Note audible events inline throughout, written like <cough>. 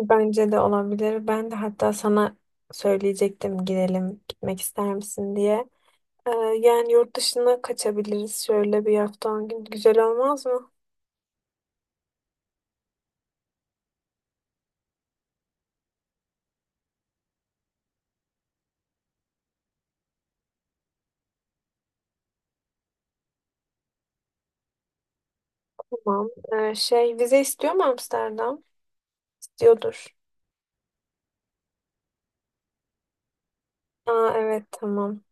Bence de olabilir. Ben de hatta sana söyleyecektim gidelim, gitmek ister misin diye. Ee, yani yurt dışına kaçabiliriz şöyle bir hafta 10 gün. Güzel olmaz mı? Tamam. Şey vize istiyor mu Amsterdam? İstiyordur. Aa, evet tamam.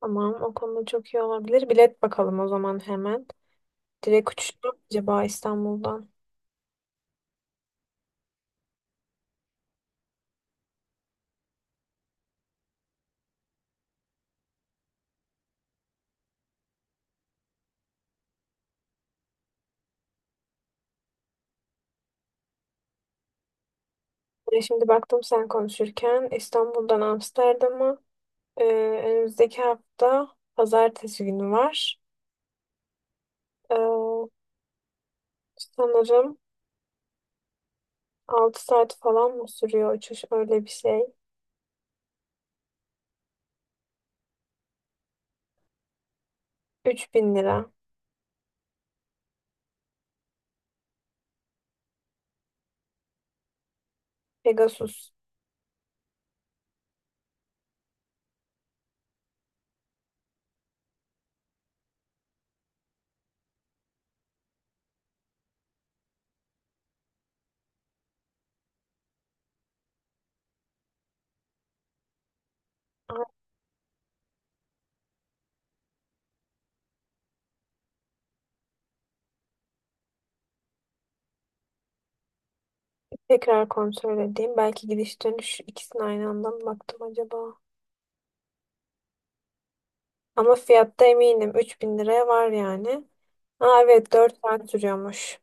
Tamam o konuda çok iyi olabilir. Bilet bakalım o zaman hemen. Direkt uçuş mu acaba İstanbul'dan? Şimdi baktım sen konuşurken İstanbul'dan Amsterdam'a ee, önümüzdeki hafta pazartesi günü var. Ee, Sanırım 6 saat falan mı sürüyor uçuş öyle bir şey. 3000 lira. Pegasus. Ay, tekrar kontrol edeyim. Belki gidiş dönüş ikisini aynı anda mı baktım acaba? Ama fiyatta eminim 3000 liraya var yani. Aa, evet 4 saat sürüyormuş.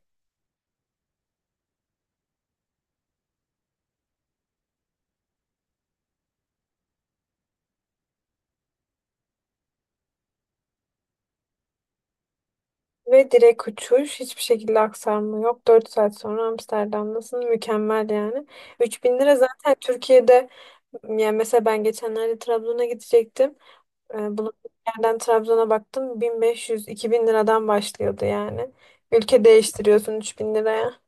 Ve direkt uçuş. Hiçbir şekilde aksarma yok. 4 saat sonra Amsterdam'dasın. Mükemmel yani. 3000 lira zaten Türkiye'de yani, mesela ben geçenlerde Trabzon'a gidecektim. Bulunduğum yerden Trabzon'a baktım 1500-2000 liradan başlıyordu yani. Ülke değiştiriyorsun 3000 liraya.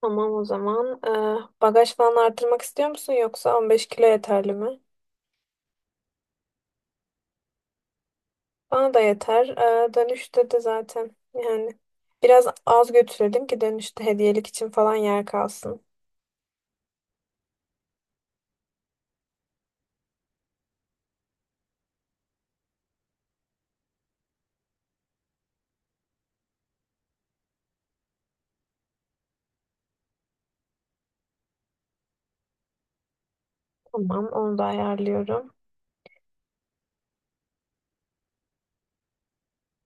Tamam o zaman. Bagaj falan artırmak istiyor musun yoksa 15 kilo yeterli mi? Bana da yeter. Dönüşte de zaten yani biraz az götürelim ki dönüşte hediyelik için falan yer kalsın. Tamam, onu da ayarlıyorum.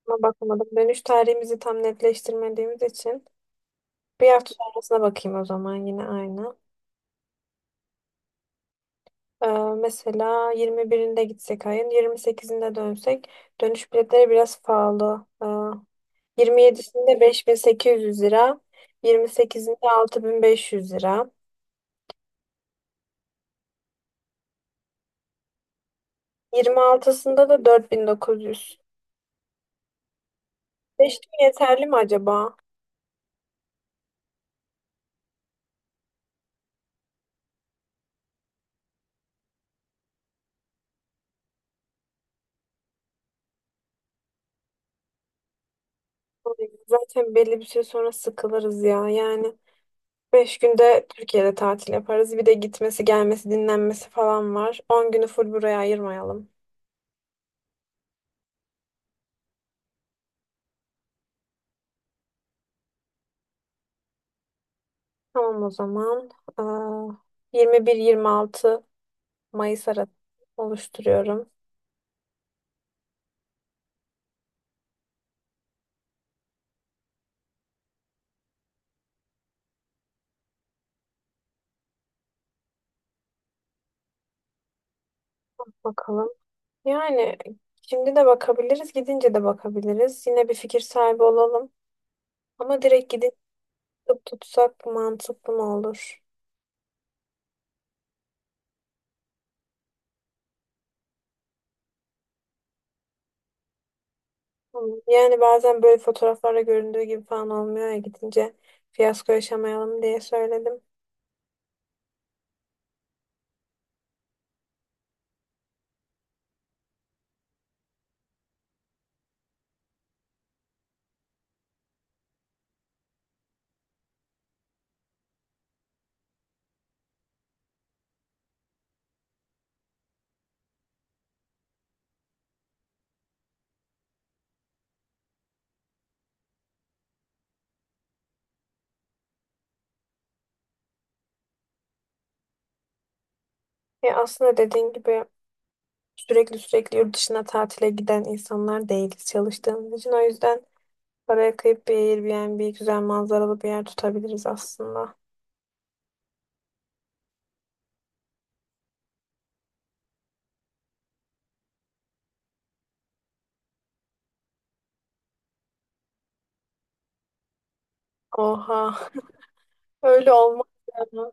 Ama bakmadım, dönüş tarihimizi tam netleştirmediğimiz için bir hafta sonrasına bakayım o zaman, yine aynı. Ee, mesela 21'inde gitsek ayın 28'inde dönsek dönüş biletleri biraz pahalı. 27'sinde 5800 lira, 28'inde 6500 lira, 26'sında da 4900. 5 gün yeterli mi acaba? Zaten belli bir süre sonra sıkılırız ya. Yani 5 günde Türkiye'de tatil yaparız. Bir de gitmesi, gelmesi, dinlenmesi falan var. 10 günü full buraya ayırmayalım. Tamam o zaman. 21-26 Mayıs arası oluşturuyorum. Bakalım. Yani şimdi de bakabiliriz, gidince de bakabiliriz. Yine bir fikir sahibi olalım. Ama direkt gidip tutup tutsak mantıklı mı olur? Hı. Yani bazen böyle fotoğraflarda göründüğü gibi falan olmuyor ya, gidince fiyasko yaşamayalım diye söyledim. Ya aslında, dediğin gibi, sürekli sürekli yurt dışına tatile giden insanlar değiliz çalıştığımız için. O yüzden paraya kıyıp bir Airbnb, güzel manzaralı bir yer tutabiliriz aslında. Oha. Öyle olmaz ya.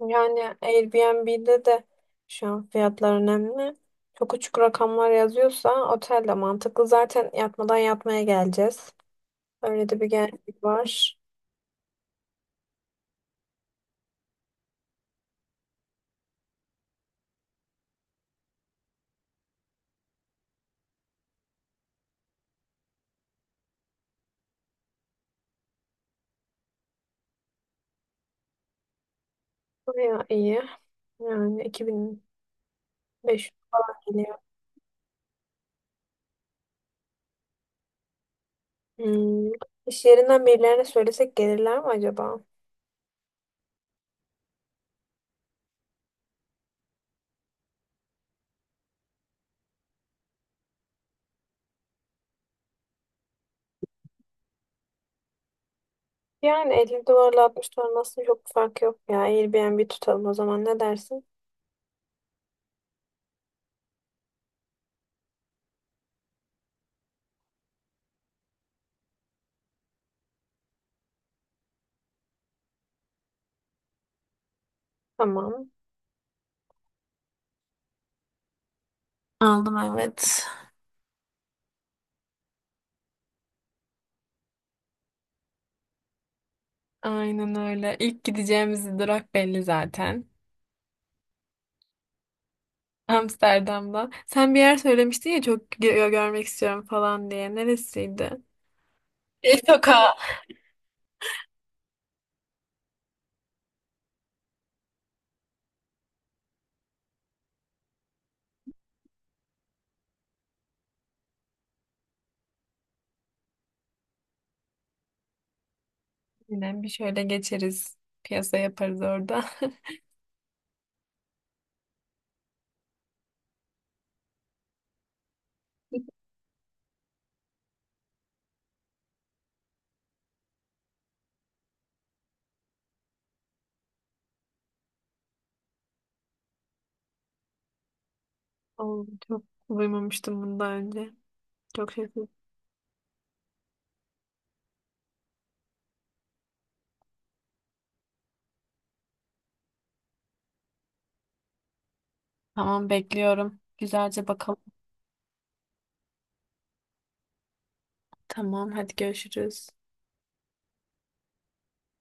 Yani Airbnb'de de şu an fiyatlar önemli. Çok uçuk rakamlar yazıyorsa otel de mantıklı. Zaten yatmadan yatmaya geleceğiz. Öyle de bir gerçek var. Baya iyi. Yani 2500 geliyor. Hmm. İş yerinden birilerine söylesek gelirler mi acaba? Yani 50 dolarla 60 dolar aslında çok bir fark yok ya. Airbnb tutalım o zaman, ne dersin? Tamam. Aldım, evet. Aynen öyle. İlk gideceğimiz durak belli zaten. Amsterdam'da. Sen bir yer söylemiştin ya, çok görmek istiyorum falan diye. Neresiydi? Sokağa. Yine bir şöyle geçeriz. Piyasa yaparız orada. <laughs> Oo, çok duymamıştım bundan önce. Çok şaşırdım. Tamam, bekliyorum. Güzelce bakalım. Tamam, hadi görüşürüz.